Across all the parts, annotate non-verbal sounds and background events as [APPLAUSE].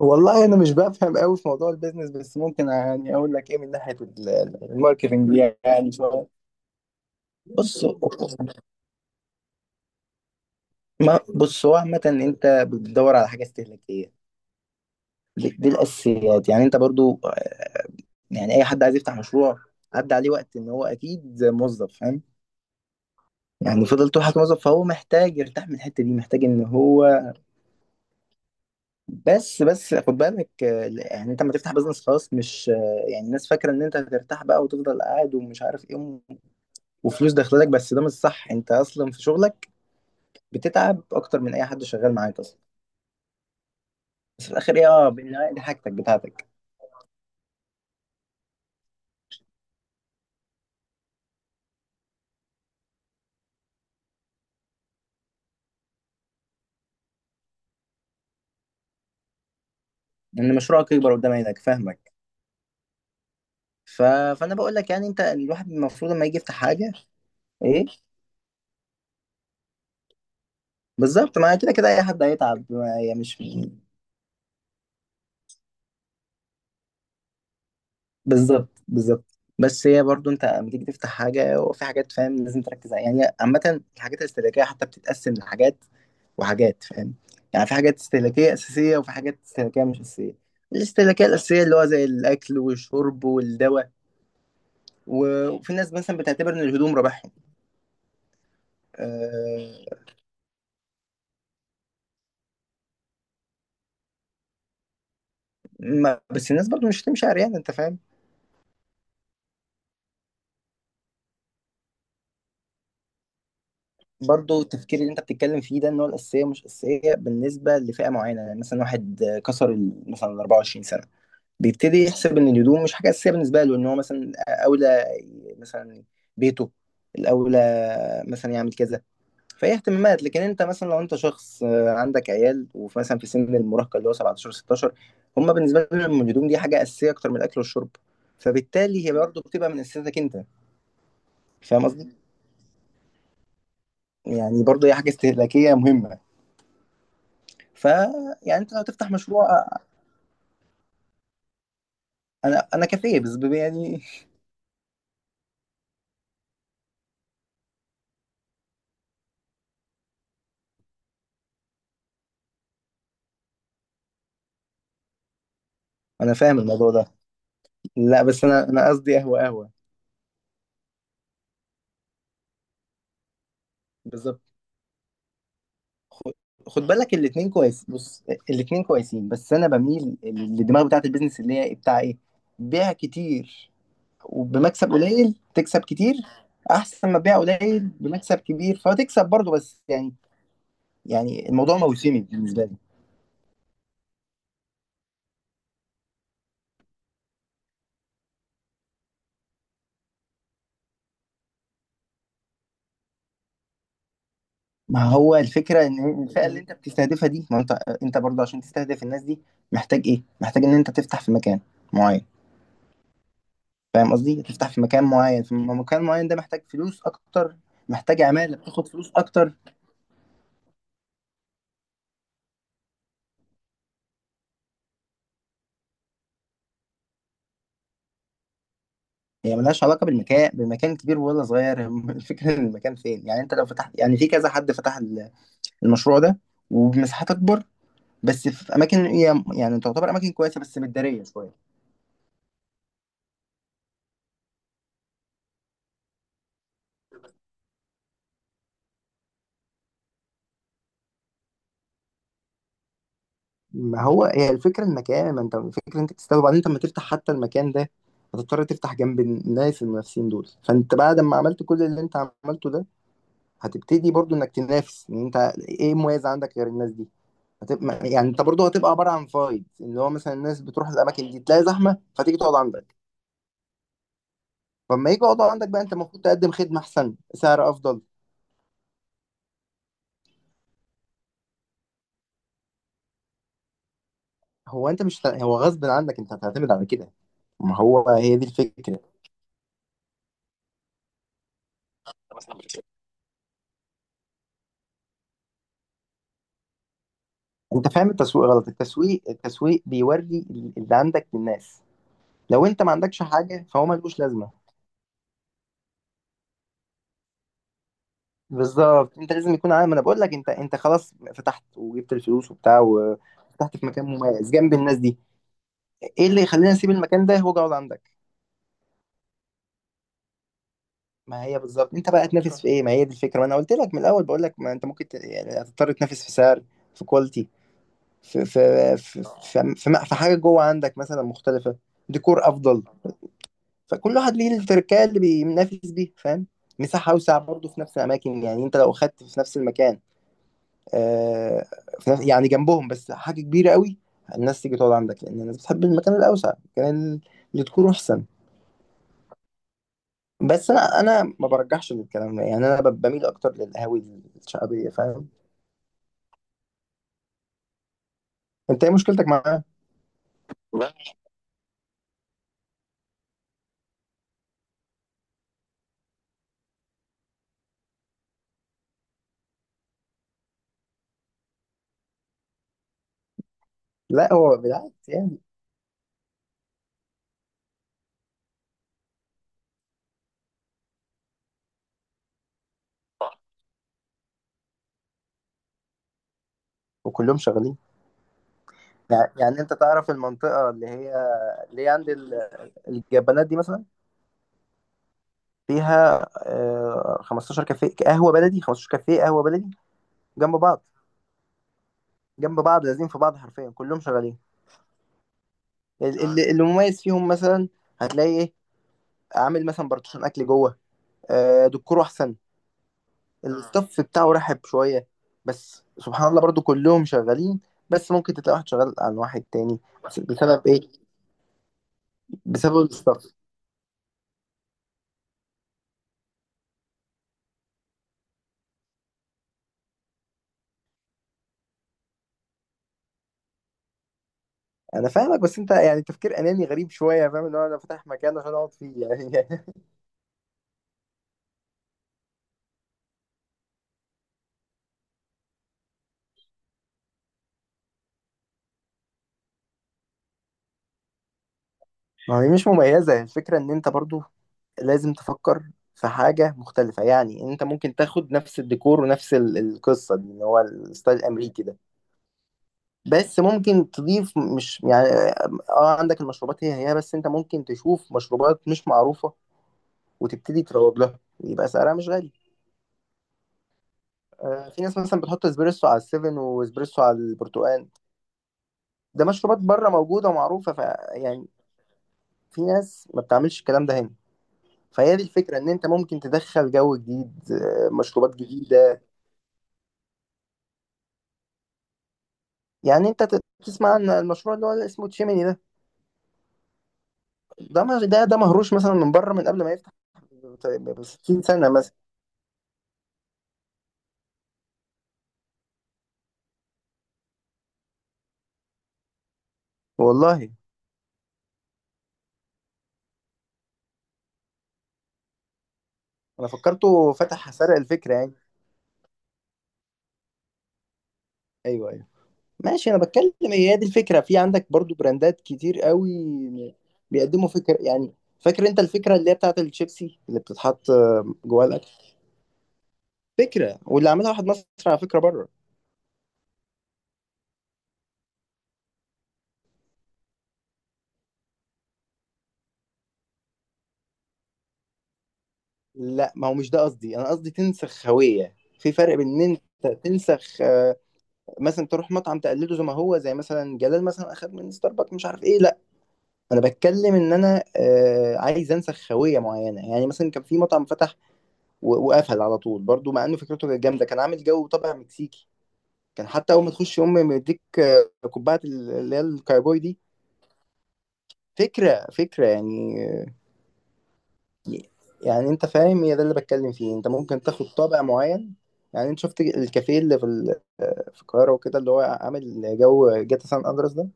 والله انا مش بفهم قوي في موضوع البيزنس، بس ممكن يعني اقول لك ايه من ناحيه الماركتنج يعني شويه. بص، ما بص هو عامه انت بتدور على حاجه استهلاكيه. دي الاساسيات، يعني انت برضو يعني اي حد عايز يفتح مشروع عدى عليه وقت ان هو اكيد موظف، فاهم. يعني فضل طول حياته موظف، فهو محتاج يرتاح من الحته دي، محتاج ان هو بس خد بالك يعني انت لما تفتح بزنس خاص مش يعني الناس فاكره ان انت هترتاح بقى وتفضل قاعد ومش عارف ايه وفلوس داخلك، بس ده مش صح. انت اصلا في شغلك بتتعب اكتر من اي حد شغال معاك اصلا. بس في الاخر ايه، بالنهاية دي حاجتك بتاعتك، ان مشروعك يكبر قدام عينك، فاهمك. ف... فانا بقول لك، يعني انت الواحد المفروض لما يجي يفتح حاجه. ايه، بالظبط. ما كده كده اي حد هيتعب، هي مش. بالظبط، بالظبط، بس هي برضو انت لما تيجي تفتح حاجه وفي حاجات، فاهم لازم تركز عليها. يعني عامه الحاجات الاستهلاكيه حتى بتتقسم لحاجات وحاجات، فاهم. يعني في حاجات استهلاكية أساسية وفي حاجات استهلاكية مش أساسية. الاستهلاكية الأساسية اللي هو زي الأكل والشرب والدواء، وفي ناس مثلا بتعتبر إن الهدوم رباحهم. أه، ما بس الناس برضو مش هتمشي عريانة، أنت فاهم. برضو التفكير اللي أنت بتتكلم فيه ده إن هو الأساسية مش أساسية بالنسبة لفئة معينة. يعني مثلا واحد كسر مثلا ال 24 سنة، بيبتدي يحسب إن الهدوم مش حاجة أساسية بالنسبة له، إن هو مثلا أولى، مثلا بيته الأولى، مثلا يعمل كذا. فهي اهتمامات، لكن انت مثلا لو انت شخص عندك عيال ومثلا في سن المراهقه اللي هو 17 16، هم بالنسبه لهم الهدوم دي حاجه اساسيه اكتر من الاكل والشرب. فبالتالي هي برضه بتبقى من اساسيتك انت. فاهم قصدي؟ يعني برضه هي حاجه استهلاكيه مهمه. ف يعني انت لو تفتح مشروع انا كافيه، بس يعني. [LAUGHS] انا فاهم الموضوع ده. لا، بس انا قصدي قهوه قهوه. بالظبط. خد خد بالك، الاثنين كويس. بص، الاثنين كويسين، بس انا بميل للدماغ بتاعت البيزنس اللي هي بتاع ايه؟ بيع كتير، وبمكسب قليل تكسب كتير. احسن ما تبيع قليل بمكسب كبير فتكسب برضه، بس يعني، يعني الموضوع موسمي بالنسبه لي. ما هو الفكره ان الفئه اللي انت بتستهدفها دي، ما انت برضه عشان تستهدف الناس دي محتاج ايه، محتاج ان انت تفتح في مكان معين. فاهم قصدي؟ تفتح في مكان معين، في مكان معين ده محتاج فلوس اكتر، محتاج عماله بتاخد فلوس اكتر. هي ملهاش علاقه بالمكان، بمكان كبير ولا صغير. [LAUGHS] الفكره ان المكان فين. يعني انت لو فتحت، يعني في كذا حد فتح المشروع ده وبمساحات اكبر، بس في اماكن هي يعني تعتبر اماكن كويسه بس مداريه شويه. ما هو هي الفكرة المكان، ما انت الفكرة انت تستوعب، وبعدين انت لما تفتح حتى المكان ده هتضطر تفتح جنب الناس المنافسين دول، فانت بعد ما عملت كل اللي انت عملته ده، هتبتدي برضو انك تنافس ان انت ايه مميز عندك غير الناس دي. هتبقى يعني، انت برضو هتبقى عبارة عن فايد اللي هو مثلا الناس بتروح الاماكن دي تلاقي زحمة فتيجي تقعد عندك. فلما يجي يقعدوا عندك بقى انت المفروض تقدم خدمة احسن، سعر افضل. هو انت مش، هو غصب عنك انت هتعتمد على كده، ما هو هي دي الفكرة. انت فاهم التسويق غلط، التسويق بيوري اللي عندك للناس. لو انت ما عندكش حاجه فهو ملوش لازمه. بالظبط انت لازم يكون عامل، ما انا بقول لك انت خلاص فتحت وجبت الفلوس وبتاع وفتحت في مكان مميز جنب الناس دي، ايه اللي يخليني اسيب المكان ده؟ هو جوده عندك. ما هي بالظبط، انت بقى تنافس في ايه؟ ما هي دي الفكره، ما انا قلت لك من الاول، بقول لك ما انت ممكن يعني هتضطر تنافس في سعر، في كواليتي، في في في في, في حاجه جوه عندك مثلا مختلفه، ديكور افضل. فكل واحد ليه التركية اللي بينافس بيها، فاهم. مساحة أوسع برضه في نفس الأماكن، يعني أنت لو أخدت في نفس المكان آه في نفس يعني جنبهم، بس حاجة كبيرة قوي. الناس تيجي تقعد عندك لأن الناس بتحب المكان الأوسع، المكان اللي تكون أحسن. بس أنا ما برجحش للكلام ده، يعني أنا بميل أكتر للقهاوي الشعبية، فاهم. أنت إيه مشكلتك معاها؟ لا، لا، هو بالعكس يعني. وكلهم شغالين. يعني أنت تعرف المنطقة اللي هي عند الجبانات دي، مثلا فيها 15 كافيه قهوه بلدي، 15 كافيه قهوه بلدي جنب بعض، جنب بعض، لازم في بعض، حرفيا كلهم شغالين. اللي مميز فيهم مثلا هتلاقي ايه؟ عامل مثلا بارتيشن اكل جوه، دكتور احسن، الستاف بتاعه رحب شويه. بس سبحان الله برضو كلهم شغالين، بس ممكن تلاقي واحد شغال عن واحد تاني، بسبب ايه؟ بسبب الستاف. انا فاهمك، بس انت يعني تفكير اناني غريب شويه، فاهم ان هو انا فاتح مكان عشان اقعد فيه يعني. [LAUGHS] ما هي مش مميزة، الفكرة ان انت برضو لازم تفكر في حاجة مختلفة. يعني انت ممكن تاخد نفس الديكور ونفس القصة دي اللي هو الستايل الامريكي ده، بس ممكن تضيف. مش يعني اه عندك المشروبات هي هي، بس انت ممكن تشوف مشروبات مش معروفة وتبتدي تروج لها ويبقى سعرها مش غالي. في ناس مثلا بتحط اسبريسو على السيفن واسبريسو على البرتقال. ده مشروبات بره موجودة ومعروفة. يعني في ناس ما بتعملش الكلام ده هنا. فهي دي الفكرة، إن أنت ممكن تدخل جو جديد، مشروبات جديدة. يعني أنت تسمع عن المشروع اللي هو اللي اسمه تشيميني ده، ده مهروش مثلا من بره من قبل ما يفتح ب 60 سنة مثلا. والله، أنا فكرته فتح سرق الفكرة يعني. أيوه، أيوه. ماشي، أنا بتكلم هي دي الفكرة، في عندك برضو براندات كتير قوي بيقدموا فكرة يعني. فاكر أنت الفكرة اللي هي بتاعت الشيبسي اللي بتتحط جواها الأكل؟ فكرة، واللي عاملها واحد مصري على فكرة بره. لا، ما هو مش ده قصدي، انا قصدي تنسخ هوية. في فرق بين ان انت تنسخ مثلا تروح مطعم تقلده زي ما هو، زي مثلا جلال مثلا اخد من ستاربكس مش عارف ايه. لا، انا بتكلم ان انا عايز انسخ هوية معينة. يعني مثلا كان في مطعم فتح وقفل على طول برضو، مع انه فكرته كانت جامدة، كان عامل جو طابع مكسيكي. كان حتى اول ما تخش امي مديك كوبايه اللي هي الكايبوي دي. فكرة، فكرة يعني. يعني انت فاهم، هي ده اللي بتكلم فيه، انت ممكن تاخد طابع معين. يعني انت شفت الكافيه اللي في في القاهره وكده اللي هو عامل جو جاتا سان اندرس ده،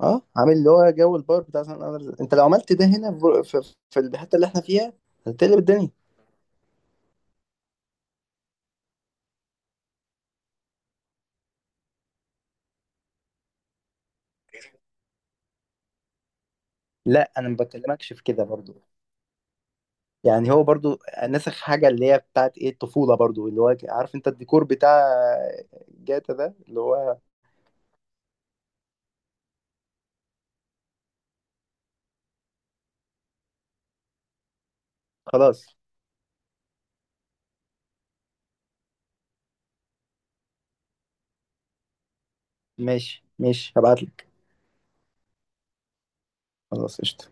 اه عامل اللي هو جو البار بتاع سان اندرس. انت لو عملت ده هنا في الحته اللي احنا فيها، هتقلب الدنيا. لا انا ما بكلمكش في كده برضو، يعني هو برضو نسخ حاجه اللي هي بتاعت ايه، الطفوله برضو، اللي هو عارف انت الديكور بتاع جاتا ده اللي هو. خلاص. ماشي، ماشي، هبعت لك. خلاص، قشطه.